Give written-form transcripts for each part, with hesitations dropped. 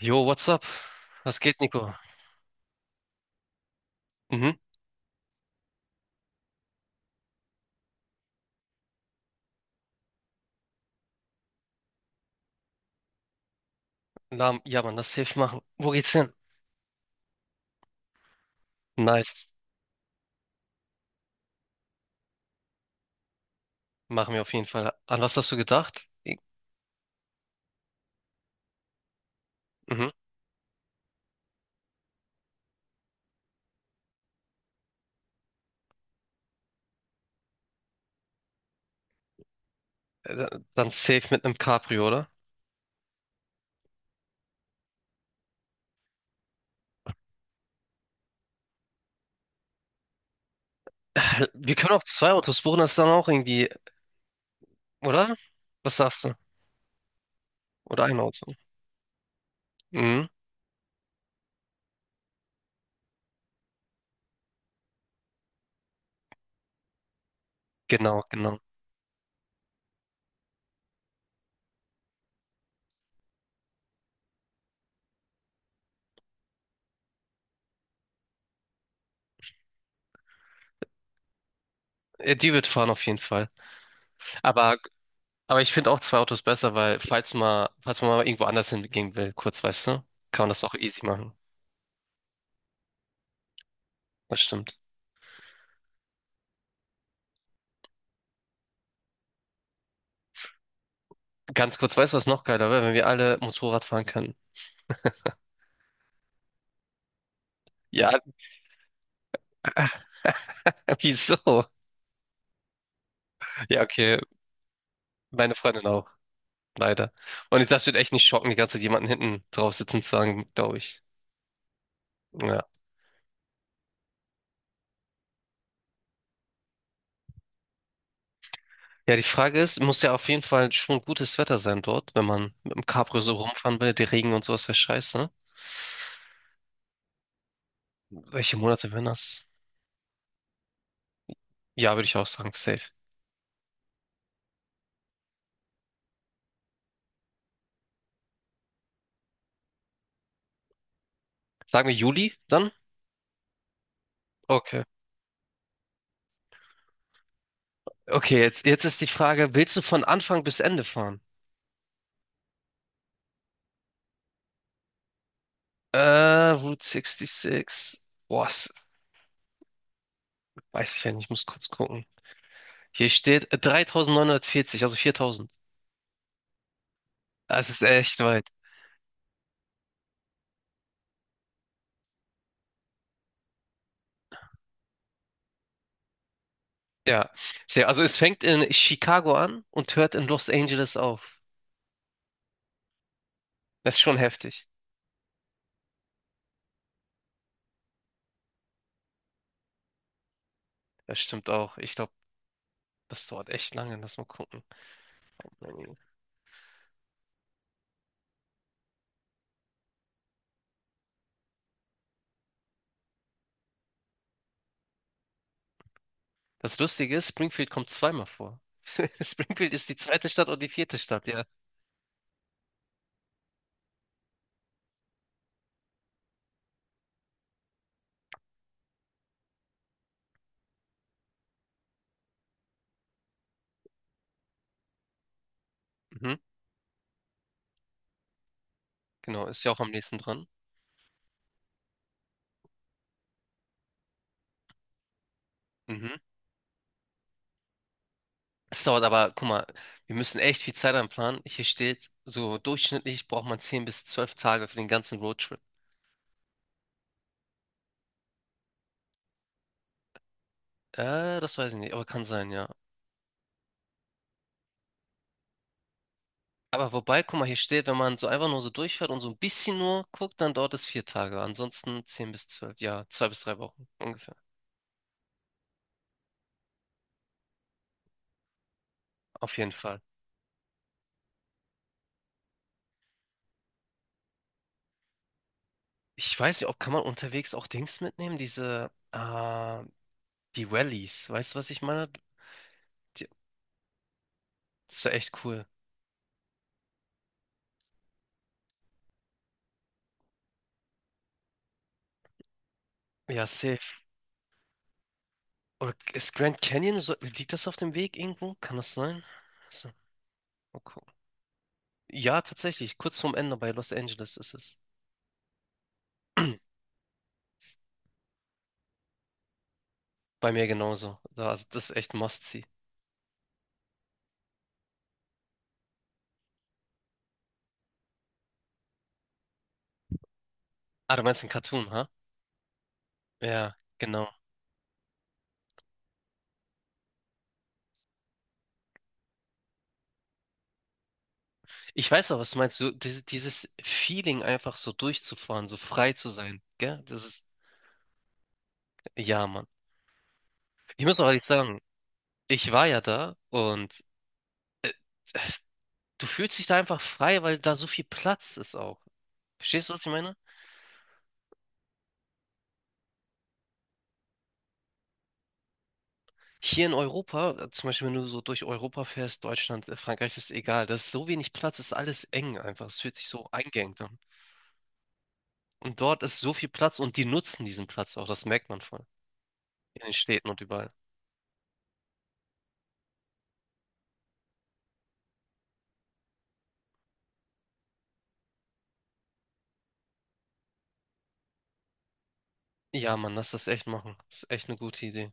Jo, what's up? Was geht, Nico? Mhm. Na, ja, Mann, das safe machen. Wo geht's hin? Nice. Machen wir auf jeden Fall. An was hast du gedacht? Mhm. Äh, Dann safe mit einem Cabrio, oder? Wir können auch zwei Autos buchen, das ist dann auch irgendwie, oder? Was sagst du? Oder ein Auto? Mhm. Genau, genau. Die wird fahren auf jeden Fall. Aber, aber ich finde auch zwei Autos besser, weil falls mal, falls man mal irgendwo anders hingehen will, kurz, weißt du, kann man das auch easy machen. Das stimmt. Ganz kurz, weißt du, was noch geiler wäre, wenn wir alle Motorrad fahren könnten? Ja, wieso? Ja, okay, meine Freundin auch, leider. Und das wird echt nicht schocken, die ganze Zeit jemanden hinten drauf sitzen zu haben, glaube ich. Ja. Ja, die Frage ist, muss ja auf jeden Fall schon gutes Wetter sein dort, wenn man mit dem Cabrio so rumfahren will, der Regen und sowas wäre scheiße, ne? Welche Monate wären das? Ja, würde ich auch sagen, safe. Sagen wir Juli dann? Okay. Okay, jetzt ist die Frage, willst du von Anfang bis Ende fahren? Äh, Route 66. Boah, das weiß ich ja nicht, ich muss kurz gucken. Hier steht 3940, also 4000. Es ist echt weit. Ja, sehr. Also es fängt in Chicago an und hört in Los Angeles auf. Das ist schon heftig. Das stimmt auch. Ich glaube, das dauert echt lange. Lass mal gucken. Das Lustige ist, Springfield kommt zweimal vor. Springfield ist die zweite Stadt und die vierte Stadt, ja. Mhm. Genau, ist ja auch am nächsten dran. Mhm. Es dauert aber, guck mal, wir müssen echt viel Zeit einplanen. Hier steht, so durchschnittlich braucht man 10 bis 12 Tage für den ganzen Roadtrip. Das weiß ich nicht, aber kann sein, ja. Aber wobei, guck mal, hier steht, wenn man so einfach nur so durchfährt und so ein bisschen nur guckt, dann dauert es 4 Tage. Ansonsten 10 bis 12, ja, 2 bis 3 Wochen ungefähr. Auf jeden Fall. Ich weiß nicht, ob kann man unterwegs auch Dings mitnehmen, diese, die Wellies. Weißt du, was ich meine? Die, das ist ja echt cool. Ja, safe. Oder ist Grand Canyon, so, liegt das auf dem Weg irgendwo? Kann das sein? So, mal gucken. Ja, tatsächlich, kurz vorm Ende bei Los Angeles ist es. Bei mir genauso. Also, das ist echt Must-See. Ah, du meinst ein Cartoon, ha? Ja, genau. Ich weiß auch, was du meinst. So, dieses Feeling, einfach so durchzufahren, so frei zu sein, gell? Das ist, ja, Mann. Ich muss auch ehrlich sagen, ich war ja da und äh, du fühlst dich da einfach frei, weil da so viel Platz ist auch. Verstehst du, was ich meine? Hier in Europa, zum Beispiel, wenn du so durch Europa fährst, Deutschland, Frankreich, ist egal. Da ist so wenig Platz, ist alles eng einfach. Es fühlt sich so eingeengt an. Und dort ist so viel Platz und die nutzen diesen Platz auch. Das merkt man voll. In den Städten und überall. Ja, Mann, lass das echt machen. Das ist echt eine gute Idee.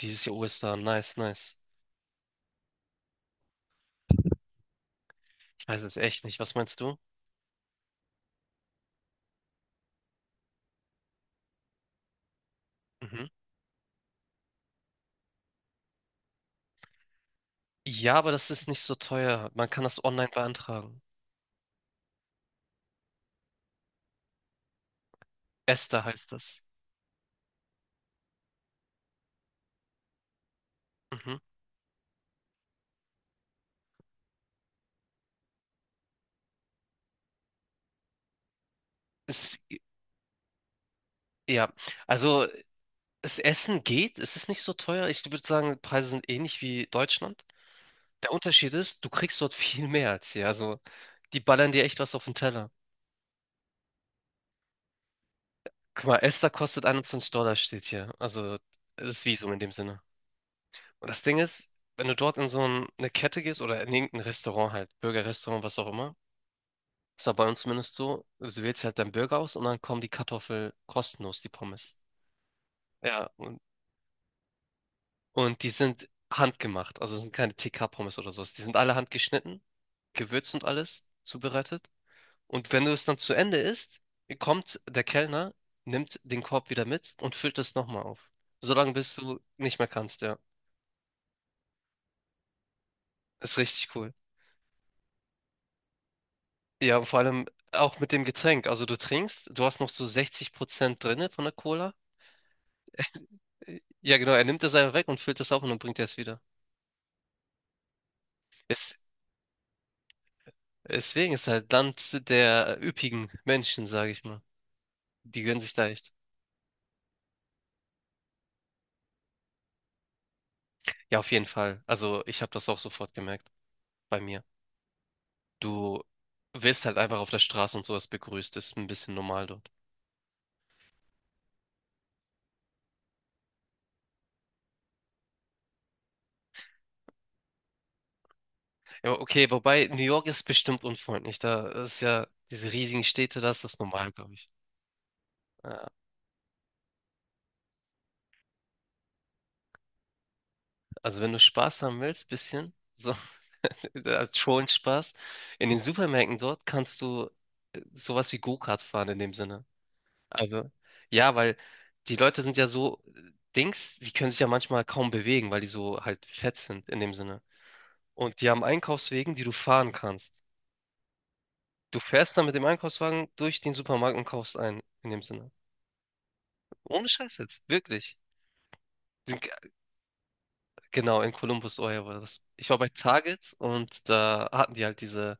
Dieses Jahr Ostern, nice, nice. Ich weiß es echt nicht. Was meinst du? Mhm. Ja, aber das ist nicht so teuer. Man kann das online beantragen. Esther heißt das. Mhm. Es, ja, also das Essen geht, es ist nicht so teuer. Ich würde sagen, Preise sind ähnlich wie Deutschland. Der Unterschied ist, du kriegst dort viel mehr als hier. Also die ballern dir echt was auf den Teller. Guck mal, Esther kostet $21, steht hier. Also das Visum in dem Sinne. Und das Ding ist, wenn du dort in so ein, eine Kette gehst oder in irgendein Restaurant halt, Burgerrestaurant, was auch immer, ist aber bei uns zumindest so, also du wählst halt deinen Burger aus und dann kommen die Kartoffeln kostenlos, die Pommes. Ja, und die sind handgemacht, also es sind keine TK-Pommes oder sowas. Die sind alle handgeschnitten, gewürzt und alles, zubereitet. Und wenn du es dann zu Ende isst, kommt der Kellner, nimmt den Korb wieder mit und füllt es nochmal auf. Solange bis du nicht mehr kannst, ja. Ist richtig cool. Ja, vor allem auch mit dem Getränk. Also du trinkst, du hast noch so 60% drinne von der Cola. Ja, genau, er nimmt das einfach weg und füllt das auf und dann bringt er es wieder. Es, deswegen ist halt Land der üppigen Menschen, sage ich mal. Die gönnen sich leicht. Ja, auf jeden Fall. Also ich habe das auch sofort gemerkt bei mir. Du wirst halt einfach auf der Straße und sowas begrüßt. Das ist ein bisschen normal dort. Ja, okay, wobei New York ist bestimmt unfreundlich. Da ist ja diese riesigen Städte, da ist das normal, glaube ich. Ja, also wenn du Spaß haben willst, bisschen, so als schon Spaß, in den Supermärkten dort kannst du sowas wie Go-Kart fahren in dem Sinne. Also ja, weil die Leute sind ja so Dings, die können sich ja manchmal kaum bewegen, weil die so halt fett sind in dem Sinne. Und die haben Einkaufswegen, die du fahren kannst. Du fährst dann mit dem Einkaufswagen durch den Supermarkt und kaufst ein, in dem Sinne. Ohne Scheiß jetzt, wirklich. Sind- Genau, in Columbus, oh ja, war das. Ich war bei Target und da hatten die halt diese.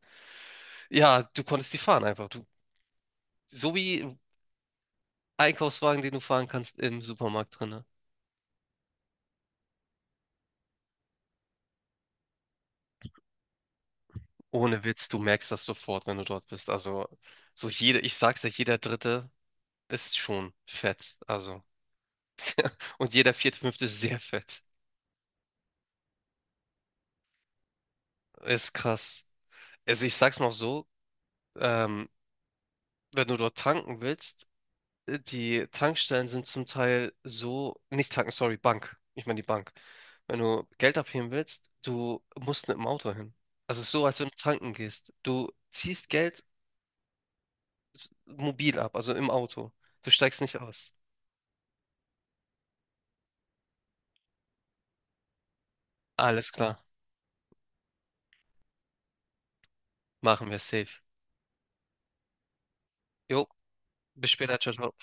Ja, du konntest die fahren einfach. Du, so wie Einkaufswagen, den du fahren kannst im Supermarkt drinne. Ohne Witz, du merkst das sofort, wenn du dort bist. Also, so jeder, ich sag's ja, jeder Dritte ist schon fett. Also, und jeder Vierte, Fünfte ist sehr fett. Ist krass. Also, ich sag's mal so, ähm, wenn du dort tanken willst, die Tankstellen sind zum Teil so, nicht Tanken, sorry, Bank. Ich meine die Bank. Wenn du Geld abheben willst, du musst mit dem Auto hin. Also es ist so, als wenn du tanken gehst. Du ziehst Geld mobil ab, also im Auto. Du steigst nicht aus. Alles klar, machen wir safe. Jo, bis später, ciao, ciao.